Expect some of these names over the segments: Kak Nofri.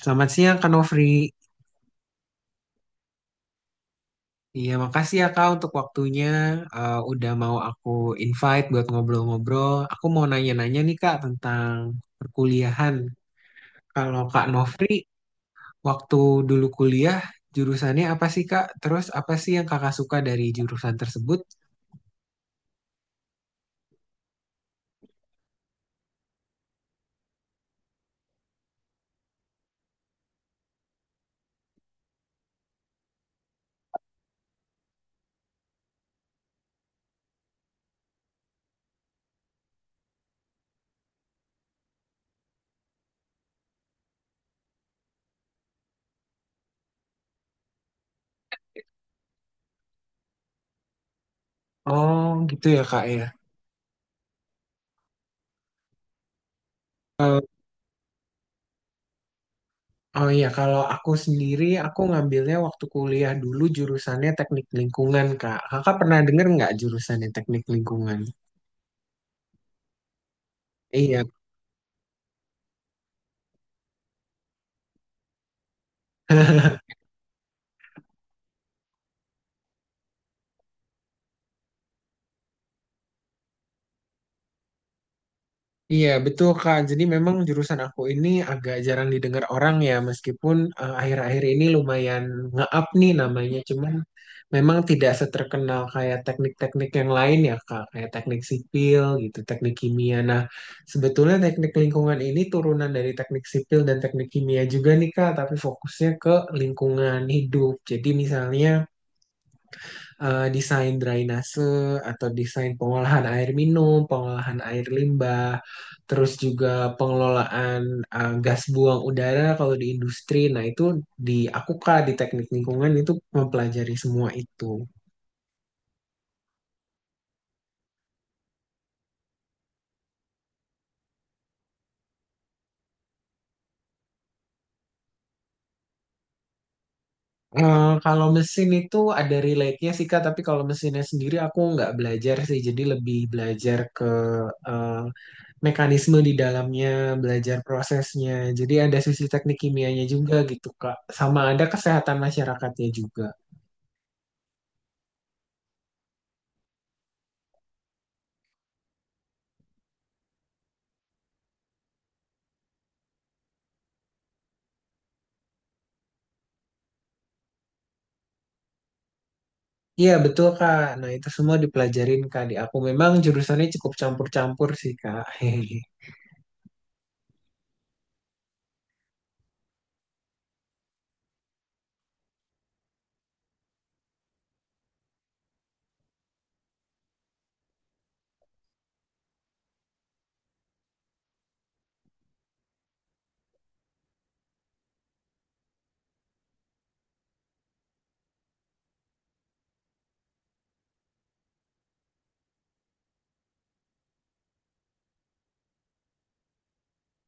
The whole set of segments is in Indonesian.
Selamat siang, Kak Nofri. Iya, makasih ya, Kak, untuk waktunya. Udah mau aku invite buat ngobrol-ngobrol. Aku mau nanya-nanya nih, Kak, tentang perkuliahan. Kalau Kak Nofri, waktu dulu kuliah, jurusannya apa sih, Kak? Terus apa sih yang Kakak suka dari jurusan tersebut? Oh, gitu ya, Kak, ya. Oh iya, kalau aku sendiri, aku ngambilnya waktu kuliah dulu jurusannya teknik lingkungan, Kak. Kakak pernah denger nggak jurusannya teknik lingkungan? Iya, iya, betul Kak. Jadi memang jurusan aku ini agak jarang didengar orang ya, meskipun akhir-akhir ini lumayan nge-up nih namanya. Cuman memang tidak seterkenal kayak teknik-teknik yang lain ya Kak, kayak teknik sipil gitu, teknik kimia. Nah, sebetulnya teknik lingkungan ini turunan dari teknik sipil dan teknik kimia juga nih Kak, tapi fokusnya ke lingkungan hidup. Jadi misalnya desain drainase atau desain pengolahan air minum, pengolahan air limbah, terus juga pengelolaan gas buang udara kalau di industri. Nah, itu di Akuka di teknik lingkungan itu mempelajari semua itu. Kalau mesin itu ada relate-nya sih Kak, tapi kalau mesinnya sendiri aku nggak belajar sih, jadi lebih belajar ke eh, mekanisme di dalamnya, belajar prosesnya. Jadi ada sisi teknik kimianya juga gitu, Kak. Sama ada kesehatan masyarakatnya juga. Iya, betul, Kak. Nah, itu semua dipelajarin, Kak, di aku. Memang jurusannya cukup campur-campur sih, Kak.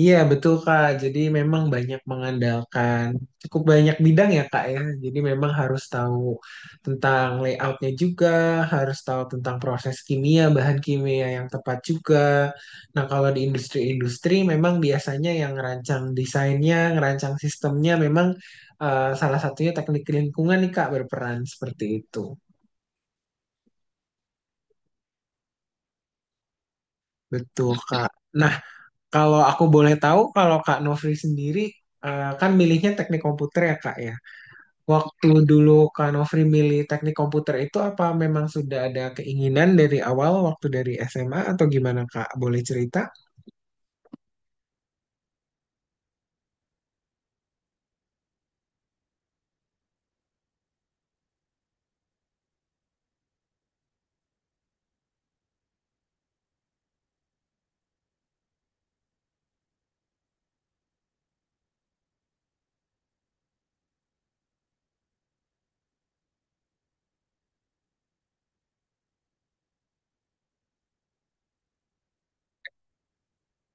Iya betul Kak, jadi memang banyak mengandalkan cukup banyak bidang ya Kak ya. Jadi memang harus tahu tentang layoutnya juga, harus tahu tentang proses kimia, bahan kimia yang tepat juga. Nah kalau di industri-industri memang biasanya yang ngerancang desainnya, ngerancang sistemnya memang salah satunya teknik lingkungan nih Kak berperan seperti itu. Betul Kak. Nah kalau aku boleh tahu kalau Kak Nofri sendiri, kan milihnya teknik komputer ya Kak ya. Waktu dulu Kak Nofri milih teknik komputer itu apa memang sudah ada keinginan dari awal waktu dari SMA atau gimana Kak? Boleh cerita?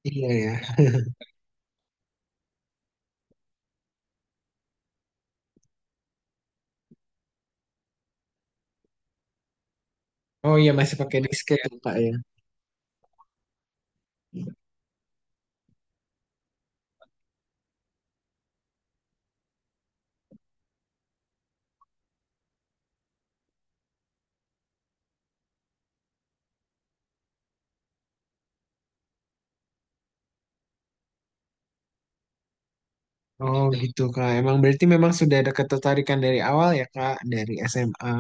Iya ya. Oh iya masih pakai disket ya Kak ya. Oh gitu Kak. Emang berarti memang sudah ada ketertarikan dari awal ya Kak dari SMA.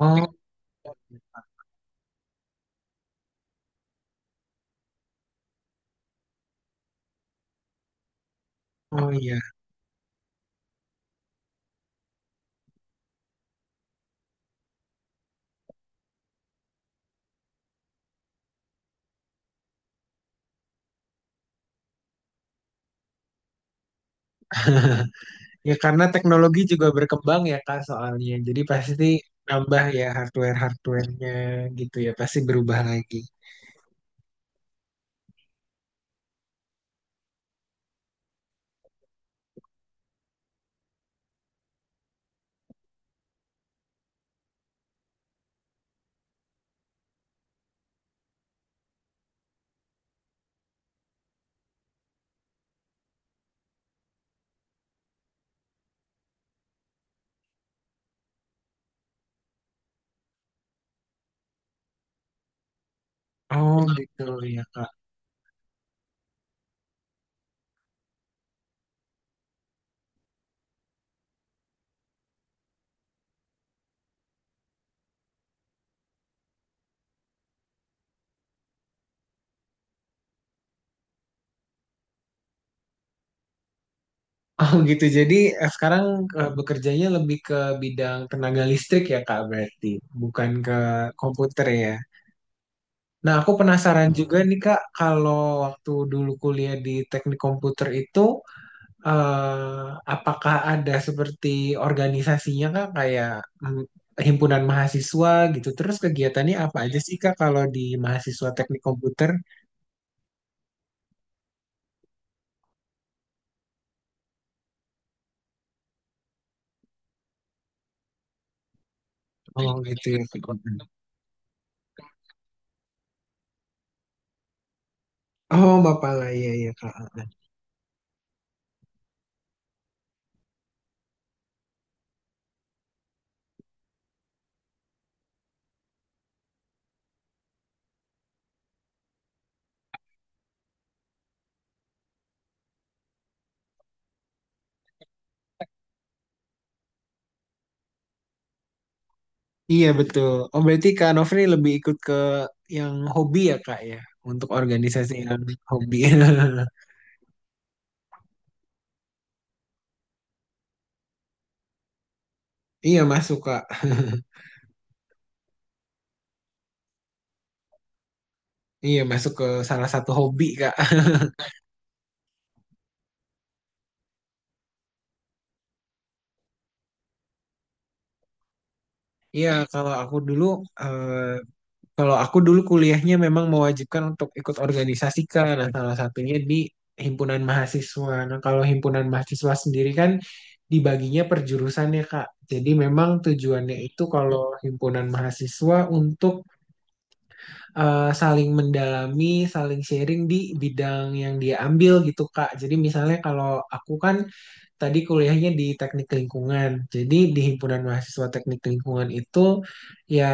Oh, oh iya. Ya karena teknologi juga berkembang ya Kak soalnya. Jadi pasti nambah ya hardware-hardwarenya gitu ya. Pasti berubah lagi. Oh gitu ya Kak. Oh gitu. Jadi sekarang bekerjanya lebih ke bidang tenaga listrik ya Kak berarti. Bukan ke komputer ya. Nah aku penasaran juga nih Kak. Kalau waktu dulu kuliah di teknik komputer itu, apakah ada seperti organisasinya kak kayak mm, himpunan mahasiswa gitu. Terus kegiatannya apa aja sih kak kalau di mahasiswa teknik komputer? Oh gitu ya. Kak. Oh bapak lah iya iya kak. Iya betul. Oh berarti kak Nofri lebih ikut ke yang hobi ya kak ya untuk organisasi yang hobi. Iya masuk kak. Iya masuk ke salah satu hobi kak. Iya kalau aku dulu, eh, Kalau aku dulu kuliahnya memang mewajibkan untuk ikut organisasi kan, nah salah satunya di himpunan mahasiswa. Nah kalau himpunan mahasiswa sendiri kan dibaginya per jurusan ya Kak. Jadi memang tujuannya itu kalau himpunan mahasiswa untuk saling mendalami, saling sharing di bidang yang dia ambil gitu, Kak. Jadi misalnya kalau aku kan tadi kuliahnya di teknik lingkungan. Jadi di himpunan mahasiswa teknik lingkungan itu ya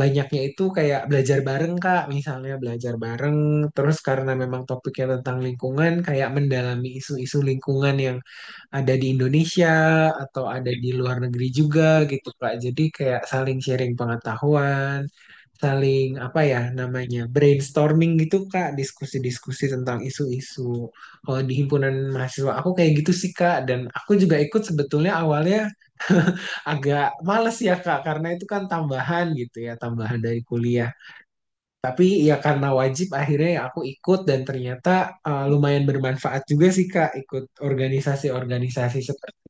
banyaknya itu kayak belajar bareng Kak, misalnya belajar bareng terus karena memang topiknya tentang lingkungan kayak mendalami isu-isu lingkungan yang ada di Indonesia atau ada di luar negeri juga gitu Kak. Jadi kayak saling sharing pengetahuan, saling apa ya namanya brainstorming gitu Kak, diskusi-diskusi tentang isu-isu. Kalau di himpunan mahasiswa aku kayak gitu sih Kak dan aku juga ikut sebetulnya awalnya agak males ya Kak karena itu kan tambahan gitu ya, tambahan dari kuliah. Tapi ya karena wajib akhirnya ya aku ikut dan ternyata lumayan bermanfaat juga sih Kak ikut organisasi-organisasi seperti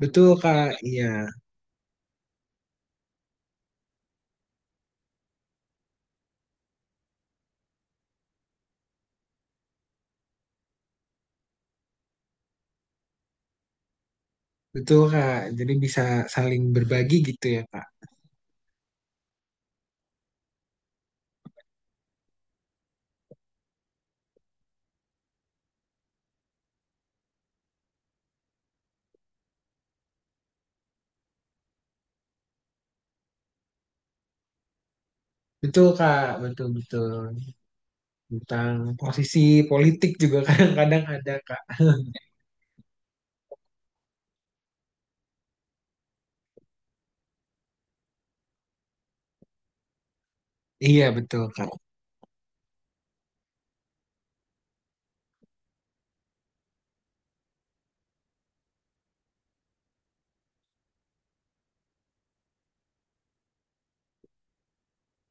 Betul Kak, iya. Betul Kak. Jadi bisa saling berbagi gitu ya Kak. Betul Kak, betul-betul. Tentang posisi politik juga kadang-kadang ada Kak. Iya betul Kak.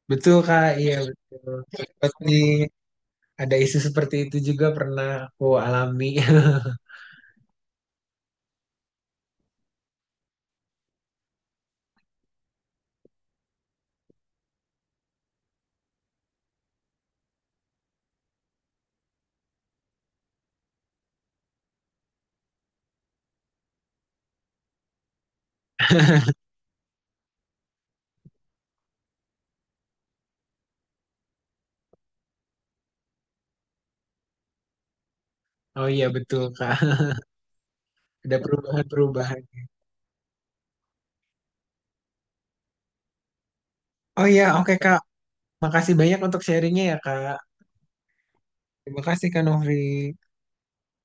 Betul Kak, iya betul. Seperti ada isu seperti itu juga pernah aku alami. Oh iya betul Kak. Ada perubahan-perubahan. Oh iya, oke Kak. Makasih banyak untuk sharingnya ya Kak. Terima kasih Kak Nofri.